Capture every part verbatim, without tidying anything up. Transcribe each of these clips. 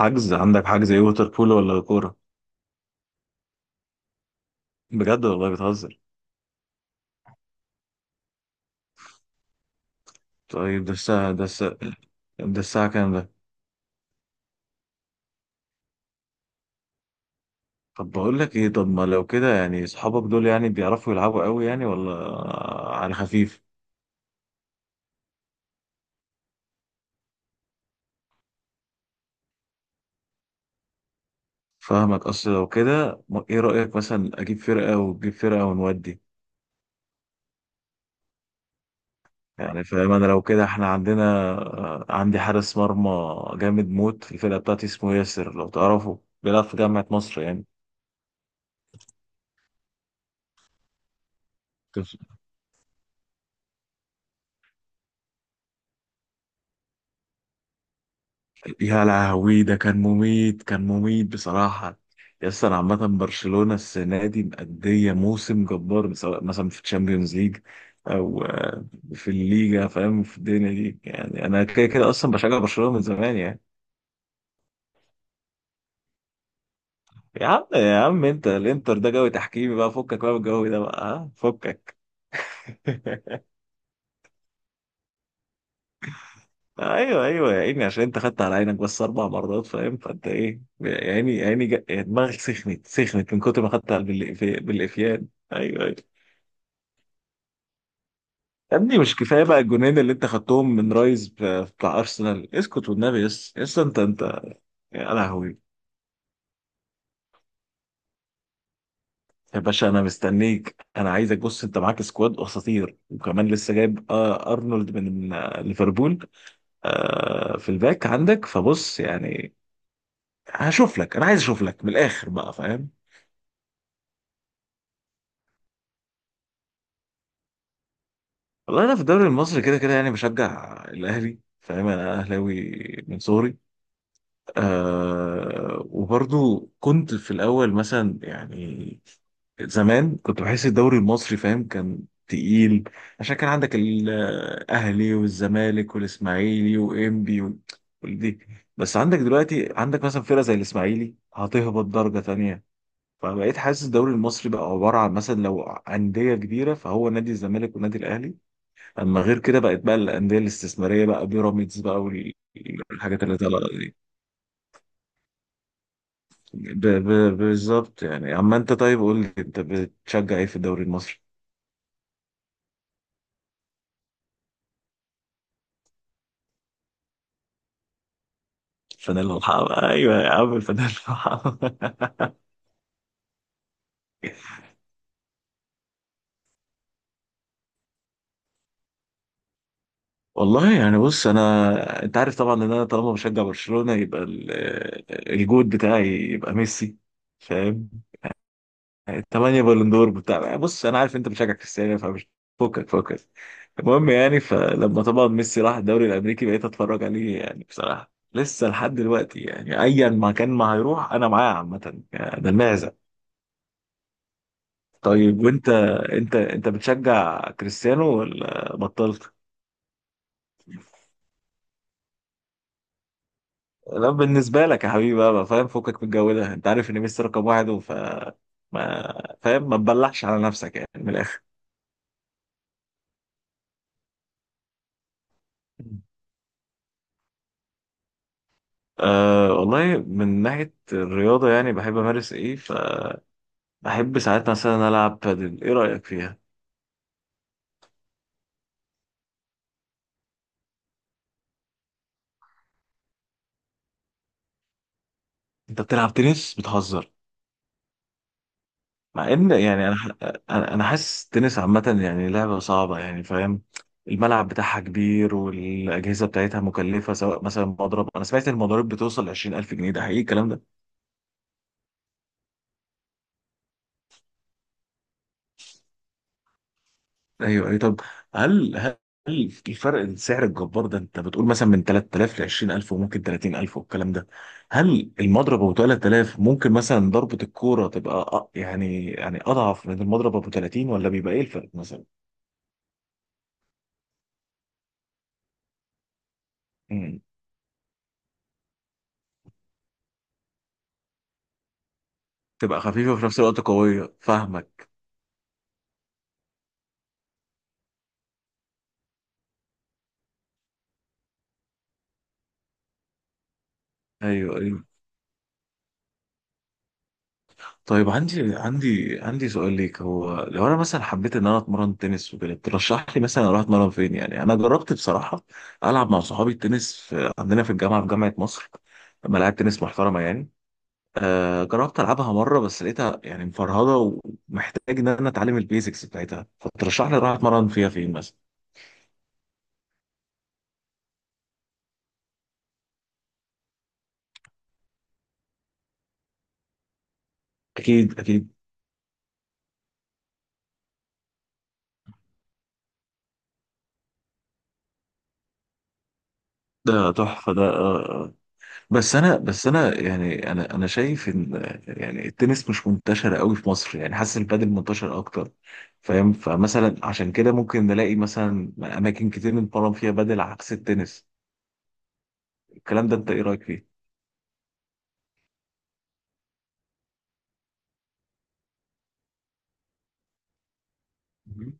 حجز عندك، حجز ايه؟ ووتر بولو ولا كورة؟ بجد والله بتهزر. طيب ده الساعة ده الساعة ده الساعة كام ده؟ طب بقول لك ايه، طب ما لو كده يعني اصحابك دول يعني بيعرفوا يلعبوا قوي يعني ولا على خفيف؟ فاهمك، اصل لو كده ما- ايه رأيك مثلا اجيب فرقة وتجيب فرقة ونودي؟ يعني فاهم، انا لو كده احنا عندنا آه، عندي حارس مرمى جامد موت في الفرقة بتاعتي اسمه ياسر، لو تعرفه بيلعب في جامعة مصر يعني. يا لهوي، ده كان مميت، كان مميت بصراحة. يس، أنا عامة برشلونة السنة دي مأدية موسم جبار، سواء مثلا في الشامبيونز ليج أو آه، في الليجا، فاهم؟ في الدنيا دي يعني، أنا كده كده أصلا بشجع برشلونة من زمان يعني. يا عم يا عم، أنت الإنتر ده جو تحكيمي بقى، فكك بقى من الجو ده بقى، ها فكك. أيوه أيوه، يا عيني، عشان أنت خدت على عينك بس أربع مرات، فاهم؟ فأنت إيه يا عيني يا عيني، جا- دماغك سخنت سخنت من كتر ما خدت على- بالإف- بالإفيان. أيوه أيوه. يا ابني مش كفايه بقى الجونين اللي انت خدتهم من رايز ب- بتاع ارسنال؟ اسكت والنبي، يس يس، انت انت، يا لهوي. يا باشا انا مستنيك، انا عايزك، بص انت معاك سكواد اساطير، وكمان لسه جايب آه، ارنولد من آه، ليفربول، آه، في الباك عندك، فبص يعني هشوف لك، انا عايز اشوف لك من الاخر بقى فاهم. والله انا في الدوري المصري كده كده يعني بشجع الاهلي، فاهم؟ انا اهلاوي من صغري. آه وبرضو كنت في الأول مثلا يعني، زمان كنت بحس الدوري المصري فاهم كان تقيل، عشان كان عندك الأهلي والزمالك والإسماعيلي وإنبي و- والدي. بس عندك دلوقتي، عندك مثلا فرقة زي الإسماعيلي هتهبط درجة تانية. فبقيت حاسس الدوري المصري بقى عبارة عن مثلا لو أندية كبيرة فهو نادي الزمالك والنادي الأهلي، أما غير كده بقت بقى الأندية الاستثمارية بقى بيراميدز بقى وال- والحاجات اللي طالعة دي. ب... ب... بالظبط يعني. اما انت طيب، قول لي انت بتشجع ايه في الدوري المصري؟ الفانيلا الحمراء، ايوه يا عم الفانيلا الحمراء. والله يعني بص، انا انت عارف طبعا ان انا طالما بشجع برشلونة يبقى ال- الجود بتاعي يبقى ميسي، فاهم؟ الثمانية بالندور بتاع. بص انا عارف انت بتشجع كريستيانو، فمش، فكك فكك. المهم يعني، فلما طبعا ميسي راح الدوري الامريكي بقيت اتفرج عليه يعني بصراحة لسه لحد دلوقتي يعني، ايا ما كان ما هيروح انا معاه عامة يعني، ده المعزة. طيب وانت، انت انت بتشجع كريستيانو ولا بطلت؟ لا بالنسبة لك يا حبيبي بقى بقى فاهم، فكك من الجو ده، انت عارف ان ميسي رقم واحد وف، ما فاهم، ما تبلعش على نفسك يعني من الاخر. أه والله من ناحية الرياضة يعني بحب أمارس إيه، فبحب ساعات مثلا ألعب بادل. إيه رأيك فيها؟ أنت بتلعب تنس؟ بتهزر. مع إن يعني أنا ح- أنا أنا حاسس التنس عامة يعني لعبة صعبة يعني فاهم. الملعب بتاعها كبير والأجهزة بتاعتها مكلفة، سواء مثلا مضرب، أنا سمعت إن المضارب بتوصل عشرين ألف جنيه، ده حقيقي الكلام ده؟ ايوه اي طب، هل هل الفرق السعر الجبار ده، انت بتقول مثلا من تلت تلاف ل عشرين ألف وممكن ثلاثين ألف والكلام ده، هل المضرب ابو ثلاثة آلاف ممكن مثلا ضربة الكوره تبقى أ- يعني يعني اضعف من المضرب ابو ثلاثين ولا بيبقى ايه الفرق مثلا؟ امم، تبقى خفيفة وفي نفس الوقت قوية، فاهمك. ايوه ايوه. طيب عندي عندي عندي سؤال ليك، هو لو انا مثلا حبيت ان انا اتمرن تنس وكده، ترشح لي مثلا اروح اتمرن فين؟ يعني انا جربت بصراحه العب مع صحابي التنس في عندنا في الجامعه، في جامعه مصر ملاعب تنس محترمه يعني. آه جربت العبها مره بس لقيتها يعني مفرهده، ومحتاج ان انا اتعلم البيزكس بتاعتها، فترشح لي اروح اتمرن فيها فين مثلا؟ اكيد اكيد، ده تحفه ده آه، بس انا بس انا يعني انا انا شايف ان يعني التنس مش منتشر قوي في مصر يعني، حاسس البادل منتشر اكتر فاهم، فمثلا عشان كده ممكن نلاقي مثلا اماكن كتير بنتمرن فيها بادل عكس التنس. الكلام ده انت ايه رايك فيه؟ مهم.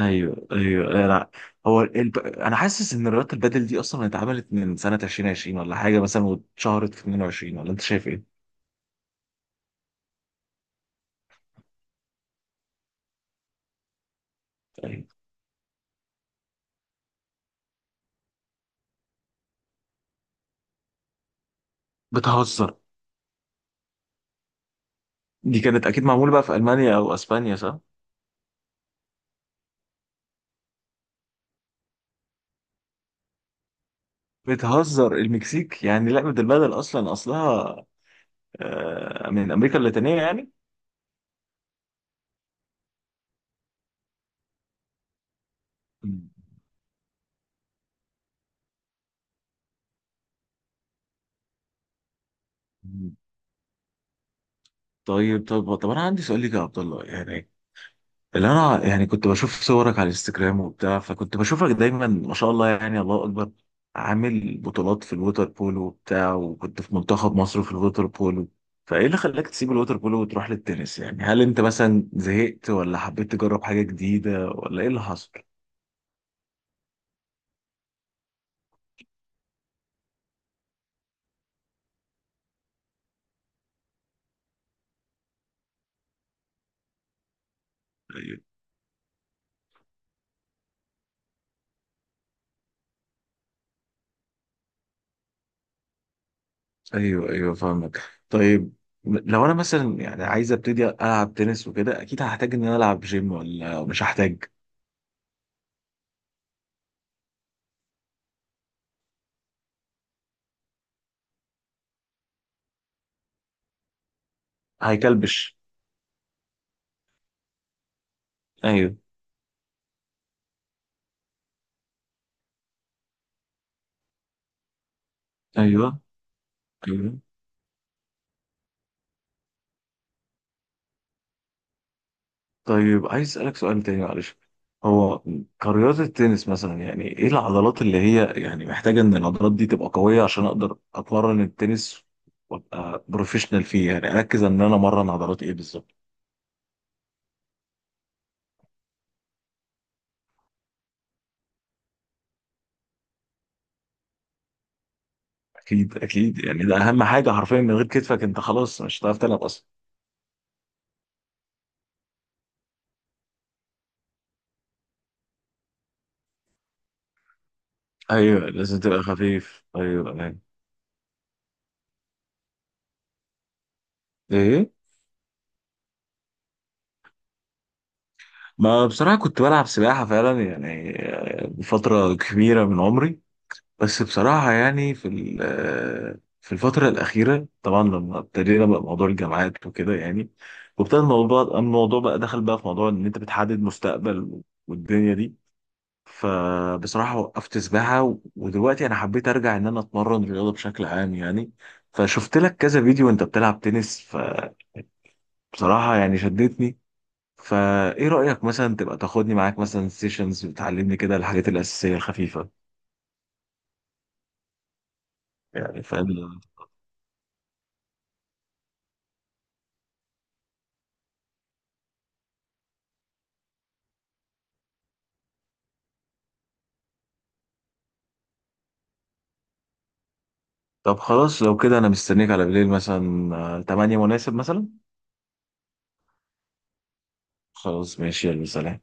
ايوه ايوه. انا هو الب... انا حاسس ان رياضه البادل دي اصلا اتعملت من سنه ألفين وعشرين ولا حاجه مثلا، واتشهرت في اتنين وعشرين ولا انت شايف ايه؟ أيوة. بتهزر، دي كانت اكيد معموله بقى في المانيا او اسبانيا. بتهزر، المكسيك يعني؟ لعبة البدل أصلا أصلها آه، من أمريكا اللاتينية يعني. مم. طيب طب طب، أنا عندي سؤال ليك يا عبد الله يعني، اللي أنا يعني كنت بشوف صورك على الانستجرام وبتاع، فكنت بشوفك دايما ما شاء الله يعني الله أكبر عامل بطولات في الووتر بولو وبتاع، وكنت في منتخب مصر في الووتر بولو، فإيه اللي خلاك تسيب الووتر بولو وتروح للتنس يعني؟ هل أنت مثلا زهقت ولا حبيت تجرب حاجة جديدة ولا إيه اللي حصل؟ ايوه ايوه فاهمك. طيب، م- لو انا مثلا يعني عايز ابتدي العب تنس وكده، اكيد هحتاج ان انا العب جيم ولا مش هحتاج؟ هيكلبش. ايوه ايوه ايوه. طيب عايز اسالك سؤال تاني معلش، هو كرياضة التنس مثلا يعني، ايه العضلات اللي هي يعني محتاجة ان العضلات دي تبقى قوية عشان اقدر اتمرن التنس وابقى بروفيشنال فيه يعني، اركز ان انا امرن عضلات ايه بالظبط؟ اكيد اكيد، يعني ده اهم حاجة حرفيا، من غير كتفك انت خلاص مش هتعرف تلعب اصلا. ايوه لازم تبقى خفيف، ايوه ايوه. ايه؟ ما بصراحه كنت بلعب سباحه فعلا يعني آه، فتره كبيره من عمري، بس بصراحه يعني في ال- آه، في الفتره الاخيره طبعا لما ابتدينا بقى موضوع الجامعات وكده يعني، وابتدى الموضوع الموضوع بقى دخل بقى في موضوع ان انت بتحدد مستقبل والدنيا دي، فبصراحه وقفت سباحه و- ودلوقتي انا حبيت ارجع ان انا اتمرن رياضه بشكل عام يعني. فشفت لك كذا فيديو وانت بتلعب تنس، ف بصراحة يعني شدتني، فايه رأيك مثلا تبقى تاخدني معاك مثلا سيشنز بتعلمني كده الحاجات الأساسية الخفيفة يعني فاهم؟ طب خلاص، لو كده انا مستنيك على بالليل مثلا آه، تمانية مناسب مثلا؟ خلاص ماشي، يلا سلام.